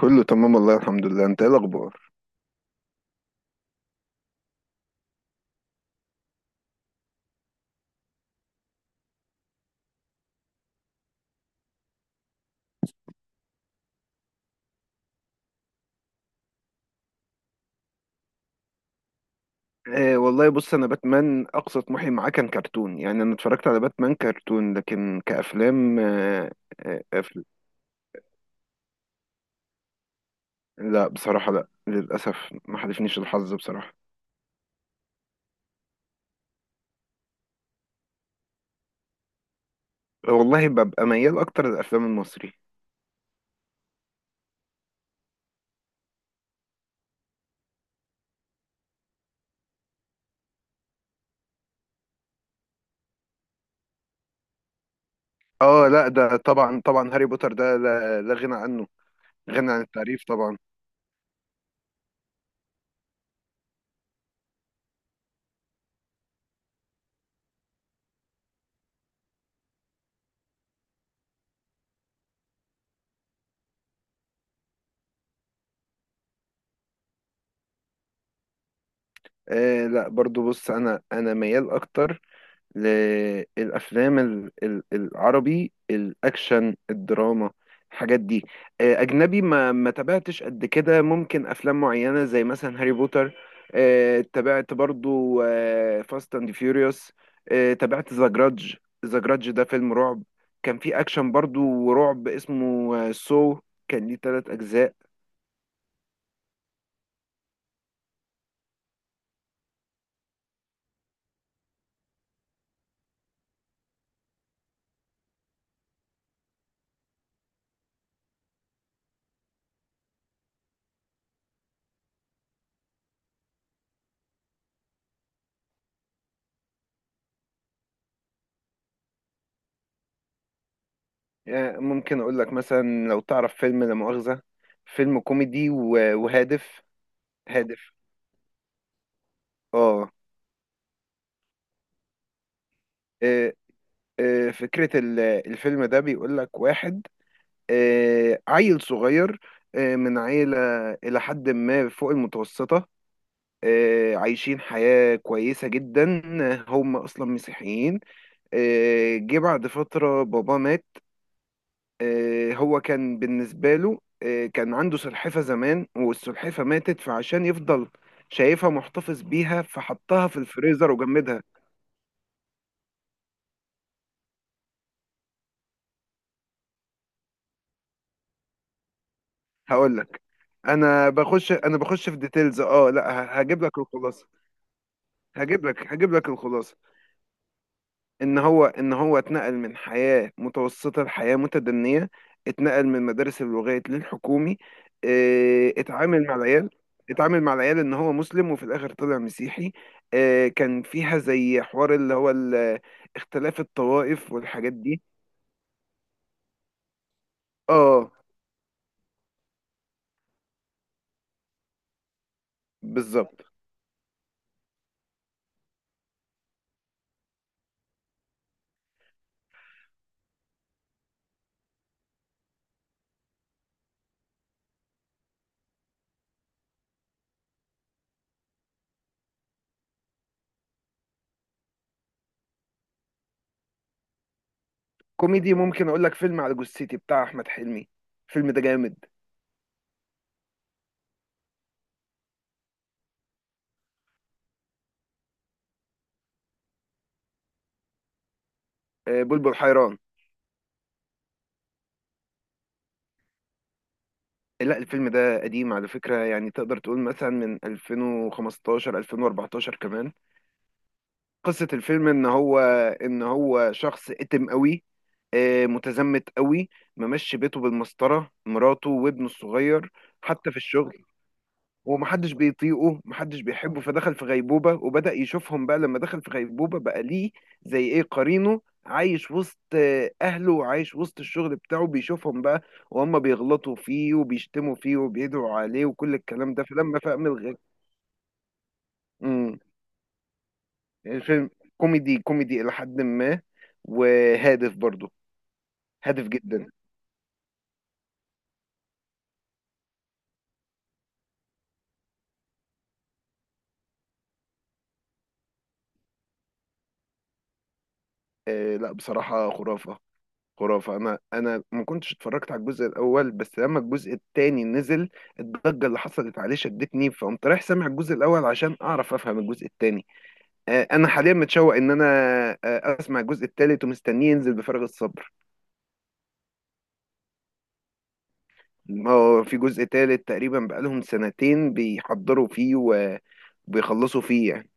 كله تمام والله الحمد لله، انت ايه الاخبار؟ آه والله، بص، انا باتمان اقصى طموحي معاه كان كرتون. يعني انا اتفرجت على باتمان كرتون، لكن كافلام. آه آه، أفل... لا بصراحه، لا للاسف ما حالفنيش الحظ بصراحه. والله ببقى ميال اكتر للافلام المصري. اه لا، ده طبعا طبعا هاري بوتر ده، لا لا غنى عنه. غنى عن التعريف طبعا. لا، برضو بص، انا ميال اكتر للأفلام العربي الأكشن الدراما، الحاجات دي. أجنبي ما تابعتش قد كده، ممكن أفلام معينة زي مثلا هاري بوتر. تابعت برضو فاست أند فيوريوس. تابعت ذا جراج. ذا جراج ده فيلم رعب، كان فيه أكشن برضو ورعب، اسمه سو، كان ليه 3 أجزاء. ممكن أقول لك مثلا، لو تعرف فيلم لا مؤاخذة. فيلم كوميدي و- وهادف، هادف. اه. آه، فكرة الفيلم ده بيقول لك واحد، عيل صغير من عيلة إلى حد ما فوق المتوسطة، عايشين حياة كويسة جدا. هم أصلا مسيحيين. جه بعد فترة بابا مات. هو كان بالنسبة له كان عنده سلحفة زمان والسلحفة ماتت، فعشان يفضل شايفها محتفظ بيها فحطها في الفريزر وجمدها. هقول لك. انا بخش في ديتيلز. اه لا، هجيب لك الخلاصه. هجيب لك الخلاصه، ان هو اتنقل من حياه متوسطه لحياه متدنيه. اتنقل من مدارس اللغات للحكومي. اه، اتعامل مع العيال. اتعامل مع العيال، ان هو مسلم وفي الاخر طلع مسيحي. اه، كان فيها زي حوار اللي هو اختلاف الطوائف والحاجات دي. اه، بالظبط. كوميدي، ممكن اقول لك فيلم على جثتي بتاع احمد حلمي. الفيلم ده جامد. بلبل حيران. لا، الفيلم ده قديم على فكرة، يعني تقدر تقول مثلا من 2015 2014 كمان. قصة الفيلم ان هو شخص اتم قوي، متزمت قوي. ممشي بيته بالمسطرة، مراته وابنه الصغير، حتى في الشغل. ومحدش بيطيقه، محدش بيحبه، فدخل في غيبوبة وبدأ يشوفهم بقى لما دخل في غيبوبة بقى ليه زي ايه قرينه، عايش وسط أهله وعايش وسط الشغل بتاعه، بيشوفهم بقى وهم بيغلطوا فيه وبيشتموا فيه وبيدعوا عليه وكل الكلام ده، فلما فهم الغ... مم. الفيلم كوميدي، كوميدي إلى حد ما، وهادف برضه. هادف جدا. لا بصراحة، خرافة. خرافة. أنا ما كنتش اتفرجت على الجزء الأول، بس لما الجزء التاني نزل الضجة اللي حصلت عليه شدتني، فقمت رايح سامع الجزء الأول عشان أعرف أفهم الجزء التاني. أنا حاليا متشوق إن أنا آه، أسمع الجزء التالت، ومستنيه ينزل بفارغ الصبر. هو في جزء تالت تقريبا، بقالهم سنتين بيحضروا فيه وبيخلصوا فيه يعني.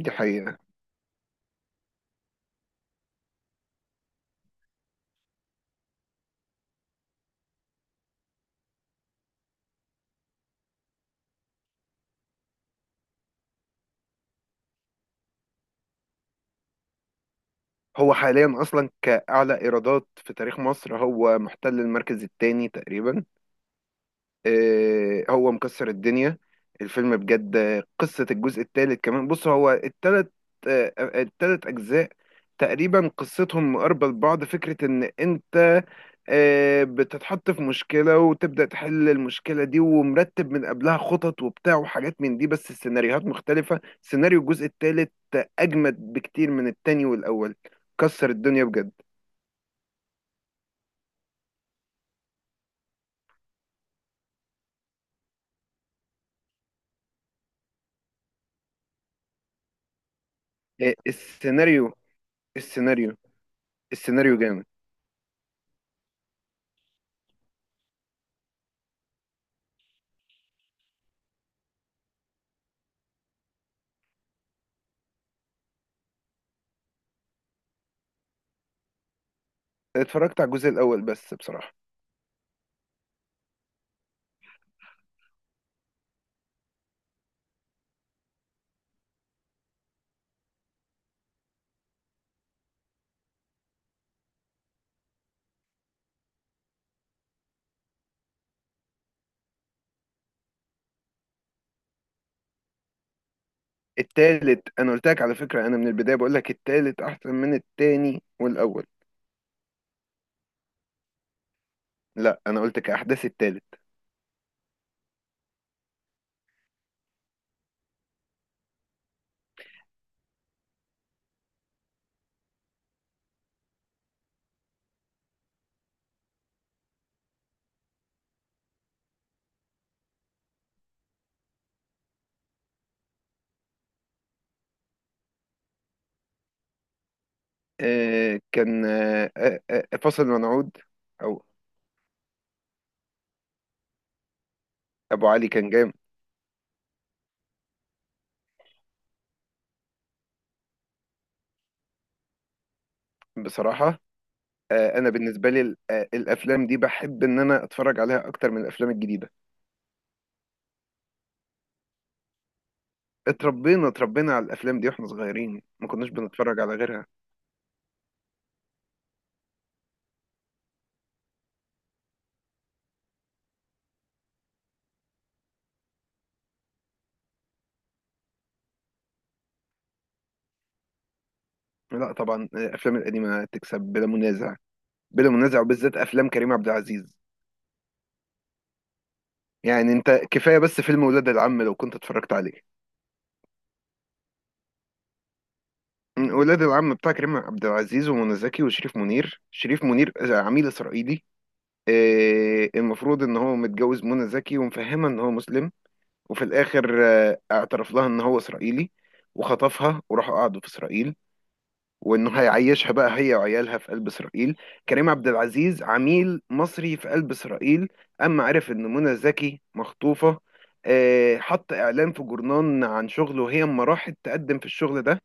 دي حقيقة. هو حاليا أصلا كأعلى إيرادات في تاريخ مصر، هو محتل المركز التاني تقريبا. هو مكسر الدنيا الفيلم بجد. قصة الجزء الثالث كمان، بص هو التلت، آه، التلت أجزاء تقريبا قصتهم مقاربة لبعض. فكرة إن أنت بتتحط في مشكلة وتبدأ تحل المشكلة دي، ومرتب من قبلها خطط وبتاع وحاجات من دي، بس السيناريوهات مختلفة. سيناريو الجزء الثالث أجمد بكتير من التاني والأول. كسر الدنيا بجد. آه، السيناريو السيناريو السيناريو جامد. اتفرجت على الجزء الأول بس، بصراحة. التالت، انا قلت لك على فكرة، انا من البداية بقول لك التالت احسن من التاني والاول. لا، انا قلت كأحداث التالت. كان فاصل منعود، او ابو علي كان جامد. بصراحة، انا بالنسبة لي الافلام دي بحب ان انا اتفرج عليها اكتر من الافلام الجديدة. اتربينا على الافلام دي واحنا صغيرين، ما كناش بنتفرج على غيرها. لا طبعا، الافلام القديمة تكسب بلا منازع. بلا منازع، وبالذات افلام كريم عبد العزيز. يعني انت كفاية بس فيلم ولاد العم، لو كنت اتفرجت عليه. ولاد العم بتاع كريم عبد العزيز ومنى زكي وشريف منير. شريف منير عميل اسرائيلي. المفروض ان هو متجوز منى زكي ومفهمها ان هو مسلم، وفي الاخر اعترف لها ان هو اسرائيلي. وخطفها وراحوا قعدوا في اسرائيل، وانه هيعيشها بقى هي وعيالها في قلب اسرائيل. كريم عبد العزيز عميل مصري في قلب اسرائيل، اما عرف ان منى زكي مخطوفة، حط اعلان في جورنان عن شغله. وهي اما راحت تقدم في الشغل ده،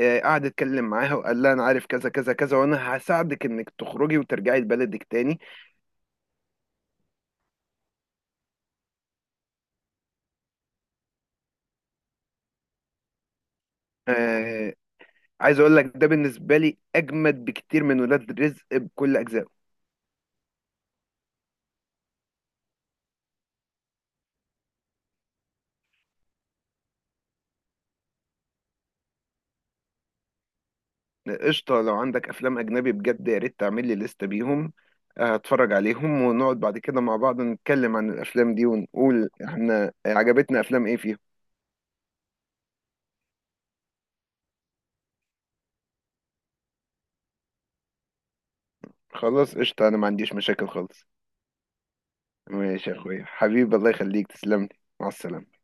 قعد يتكلم معاها وقال لها، انا عارف كذا كذا كذا، وانا هساعدك انك تخرجي وترجعي لبلدك تاني. آه، عايز اقول لك، ده بالنسبه لي اجمد بكتير من ولاد رزق بكل اجزائه. قشطه، لو عندك افلام اجنبي بجد، يا ريت تعمل لي لسته بيهم، هتفرج عليهم ونقعد بعد كده مع بعض، نتكلم عن الافلام دي ونقول احنا عجبتنا افلام ايه فيها. خلاص، قشطه، انا ما عنديش مشاكل خالص. ماشي يا اخويا حبيبي، الله يخليك، تسلم لي. مع السلامه.